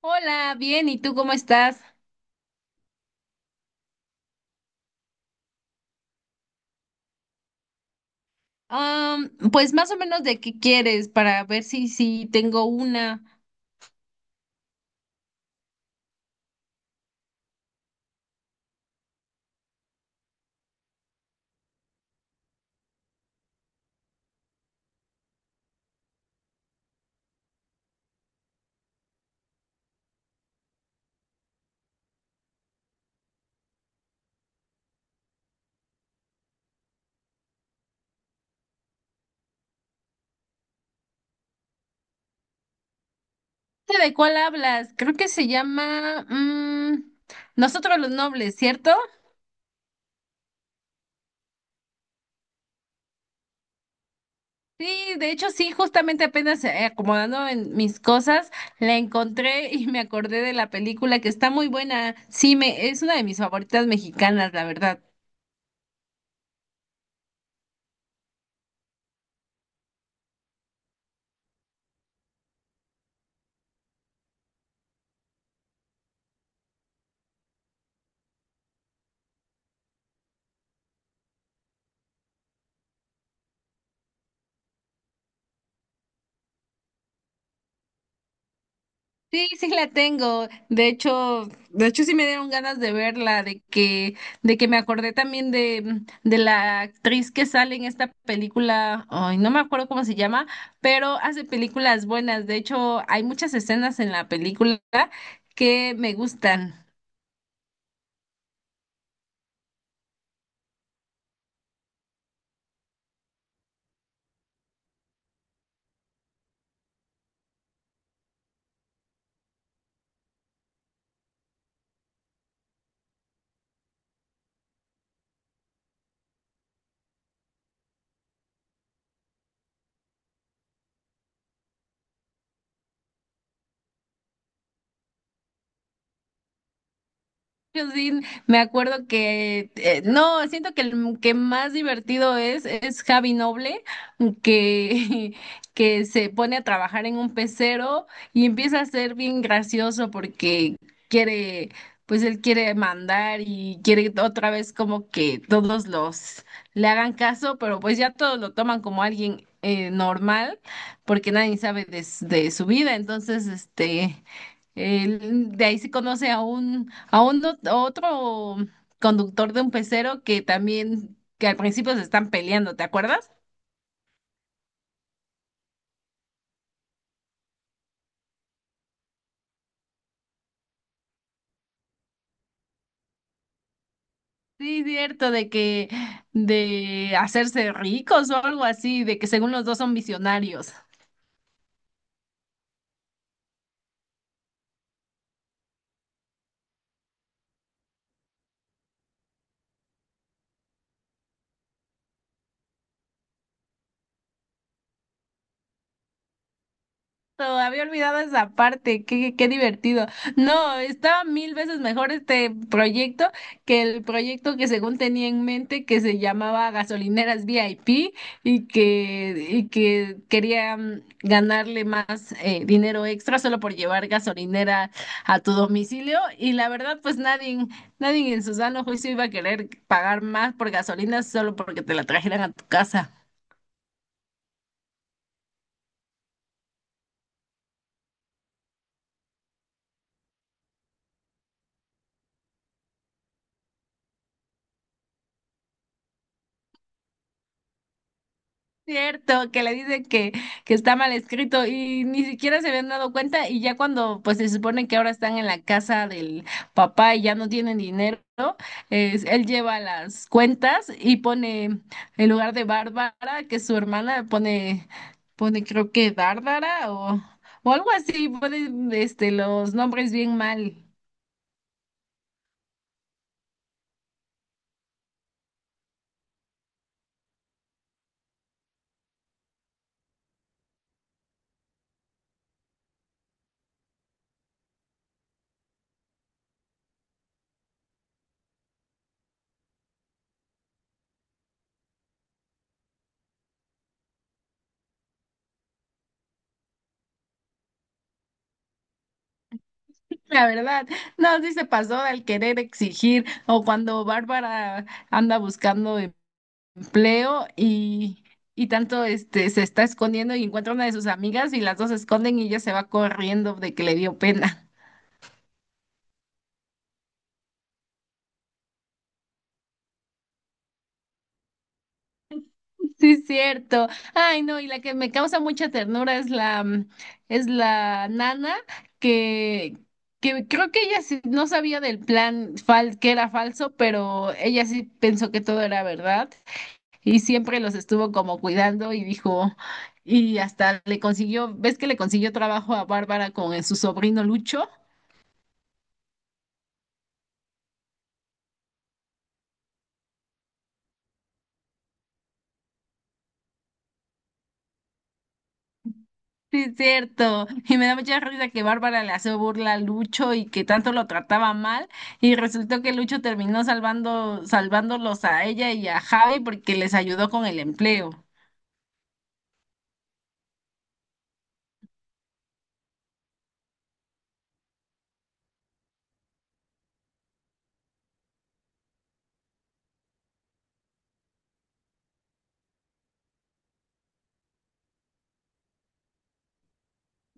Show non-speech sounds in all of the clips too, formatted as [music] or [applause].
Hola, bien, ¿y tú cómo estás? Pues más o menos de qué quieres para ver si tengo una. ¿De cuál hablas? Creo que se llama Nosotros los Nobles, ¿cierto? Sí, de hecho sí, justamente apenas acomodando en mis cosas la encontré y me acordé de la película que está muy buena. Sí, me es una de mis favoritas mexicanas, la verdad. Sí, sí la tengo. De hecho, sí me dieron ganas de verla, de que me acordé también de de la actriz que sale en esta película, ay, no me acuerdo cómo se llama, pero hace películas buenas. De hecho, hay muchas escenas en la película que me gustan. Yo sí, me acuerdo que, no, siento que el que más divertido es Javi Noble, que, [laughs] que se pone a trabajar en un pecero y empieza a ser bien gracioso porque quiere, pues él quiere mandar y quiere otra vez como que todos los le hagan caso, pero pues ya todos lo toman como alguien normal porque nadie sabe de su vida, entonces este... De ahí se conoce a un otro conductor de un pecero que también, que al principio se están peleando, ¿te acuerdas? Sí, cierto, de hacerse ricos o algo así, de que según los dos son visionarios. Exacto, había olvidado esa parte, qué, qué divertido. No, estaba mil veces mejor este proyecto que el proyecto que según tenía en mente que se llamaba Gasolineras VIP y que quería ganarle más dinero extra solo por llevar gasolinera a tu domicilio. Y la verdad, pues nadie, nadie en su sano juicio iba a querer pagar más por gasolina solo porque te la trajeran a tu casa. Cierto, que le dice que está mal escrito y ni siquiera se habían dado cuenta, y ya cuando pues se supone que ahora están en la casa del papá y ya no tienen dinero, él lleva las cuentas y pone en lugar de Bárbara, que es su hermana, pone, pone creo que Dárdara o algo así, pone este, los nombres bien mal. La verdad, no, sí se pasó al querer exigir o cuando Bárbara anda buscando Leo y tanto este se está escondiendo y encuentra una de sus amigas y las dos se esconden y ella se va corriendo de que le dio pena. [laughs] Sí, es cierto. Ay, no, y la que me causa mucha ternura es es la nana que que creo que ella sí no sabía del plan fal que era falso, pero ella sí pensó que todo era verdad y siempre los estuvo como cuidando y dijo y hasta le consiguió, ¿ves que le consiguió trabajo a Bárbara con su sobrino Lucho? Sí, es cierto. Y me da mucha risa que Bárbara le hace burla a Lucho y que tanto lo trataba mal. Y resultó que Lucho terminó salvándolos a ella y a Javi porque les ayudó con el empleo.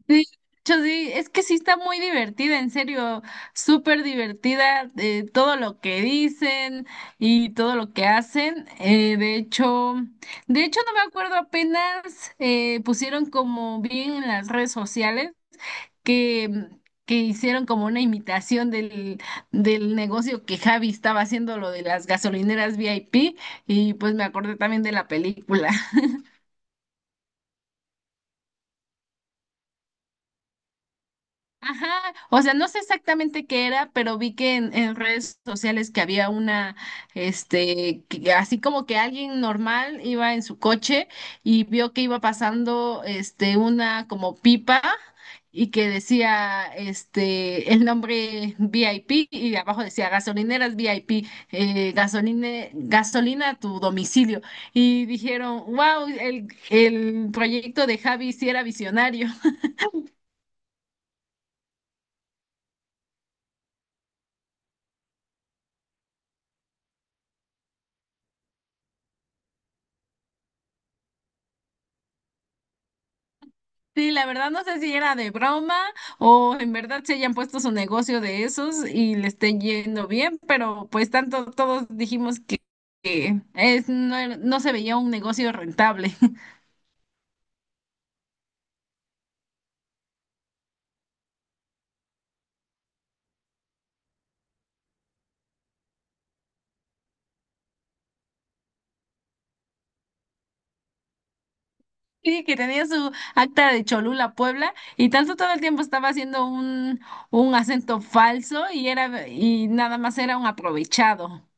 Sí, Lucho, sí, es que sí está muy divertida, en serio, súper divertida, todo lo que dicen y todo lo que hacen. De hecho no me acuerdo apenas pusieron como bien en las redes sociales. que, que hicieron como una imitación del negocio que Javi estaba haciendo, lo de las gasolineras VIP, y pues me acordé también de la película. Ajá, o sea, no sé exactamente qué era, pero vi que en redes sociales que había una, este, así como que alguien normal iba en su coche y vio que iba pasando, este, una como pipa y que decía, este, el nombre VIP y abajo decía gasolineras VIP, gasolina a tu domicilio. Y dijeron, wow, el proyecto de Javi sí era visionario. Sí, la verdad no sé si era de broma o en verdad se hayan puesto su negocio de esos y le estén yendo bien, pero pues tanto todos dijimos que es, no, era- no se veía un negocio rentable. [laughs] Sí, que tenía su acta de Cholula, Puebla, y tanto todo el tiempo estaba haciendo un acento falso y era y nada más era un aprovechado.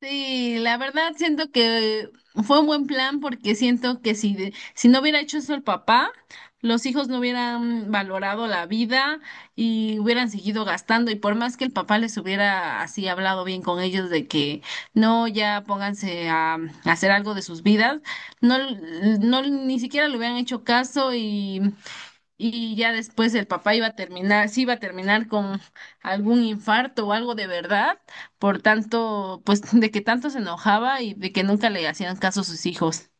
Sí, la verdad siento que fue un buen plan porque siento que si no hubiera hecho eso el papá, los hijos no hubieran valorado la vida y hubieran seguido gastando, y por más que el papá les hubiera así hablado bien con ellos de que no, ya pónganse a hacer algo de sus vidas, no, no ni siquiera le hubieran hecho caso, y ya después el papá iba a terminar, sí iba a terminar con algún infarto o algo de verdad por tanto, pues [laughs] de que tanto se enojaba y de que nunca le hacían caso a sus hijos.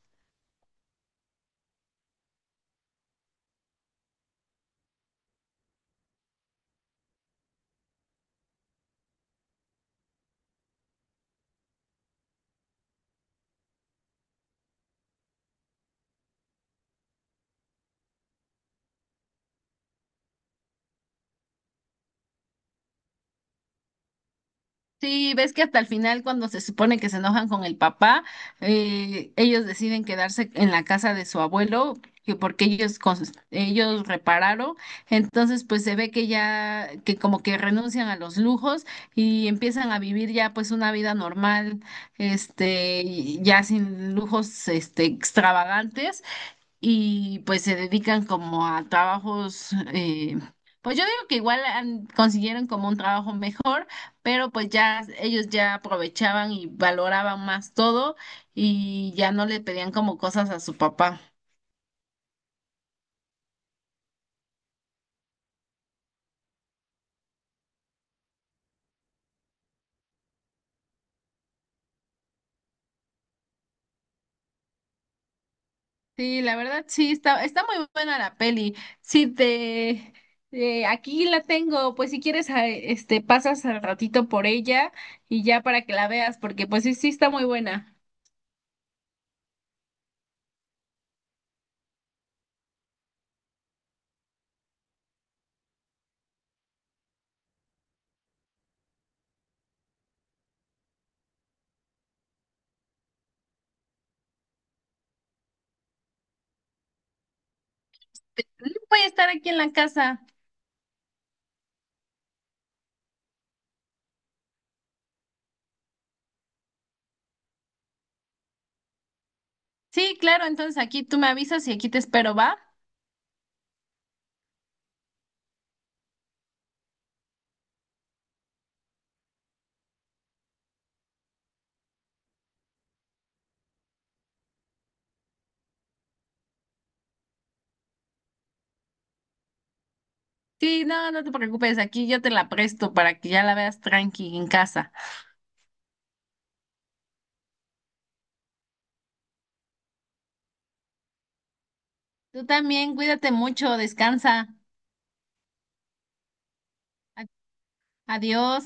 Sí, ves que hasta el final, cuando se supone que se enojan con el papá, ellos deciden quedarse en la casa de su abuelo, que porque ellos, ellos repararon. Entonces, pues se ve que ya, que como que renuncian a los lujos y empiezan a vivir ya pues una vida normal, este, y ya sin lujos, este, extravagantes. Y pues se dedican como a trabajos, pues yo digo que igual consiguieron como un trabajo mejor, pero pues ya ellos ya aprovechaban y valoraban más todo y ya no le pedían como cosas a su papá. Sí, la verdad sí, está, está muy buena la peli. Sí, te, aquí la tengo, pues si quieres, este, pasas al ratito por ella y ya para que la veas, porque pues sí, sí está muy buena. Voy a estar aquí en la casa. Sí, claro, entonces aquí tú me avisas y aquí te espero, ¿va? Sí, no, no te preocupes, aquí yo te la presto para que ya la veas tranqui en casa. Tú también, cuídate mucho, descansa. A- Adiós.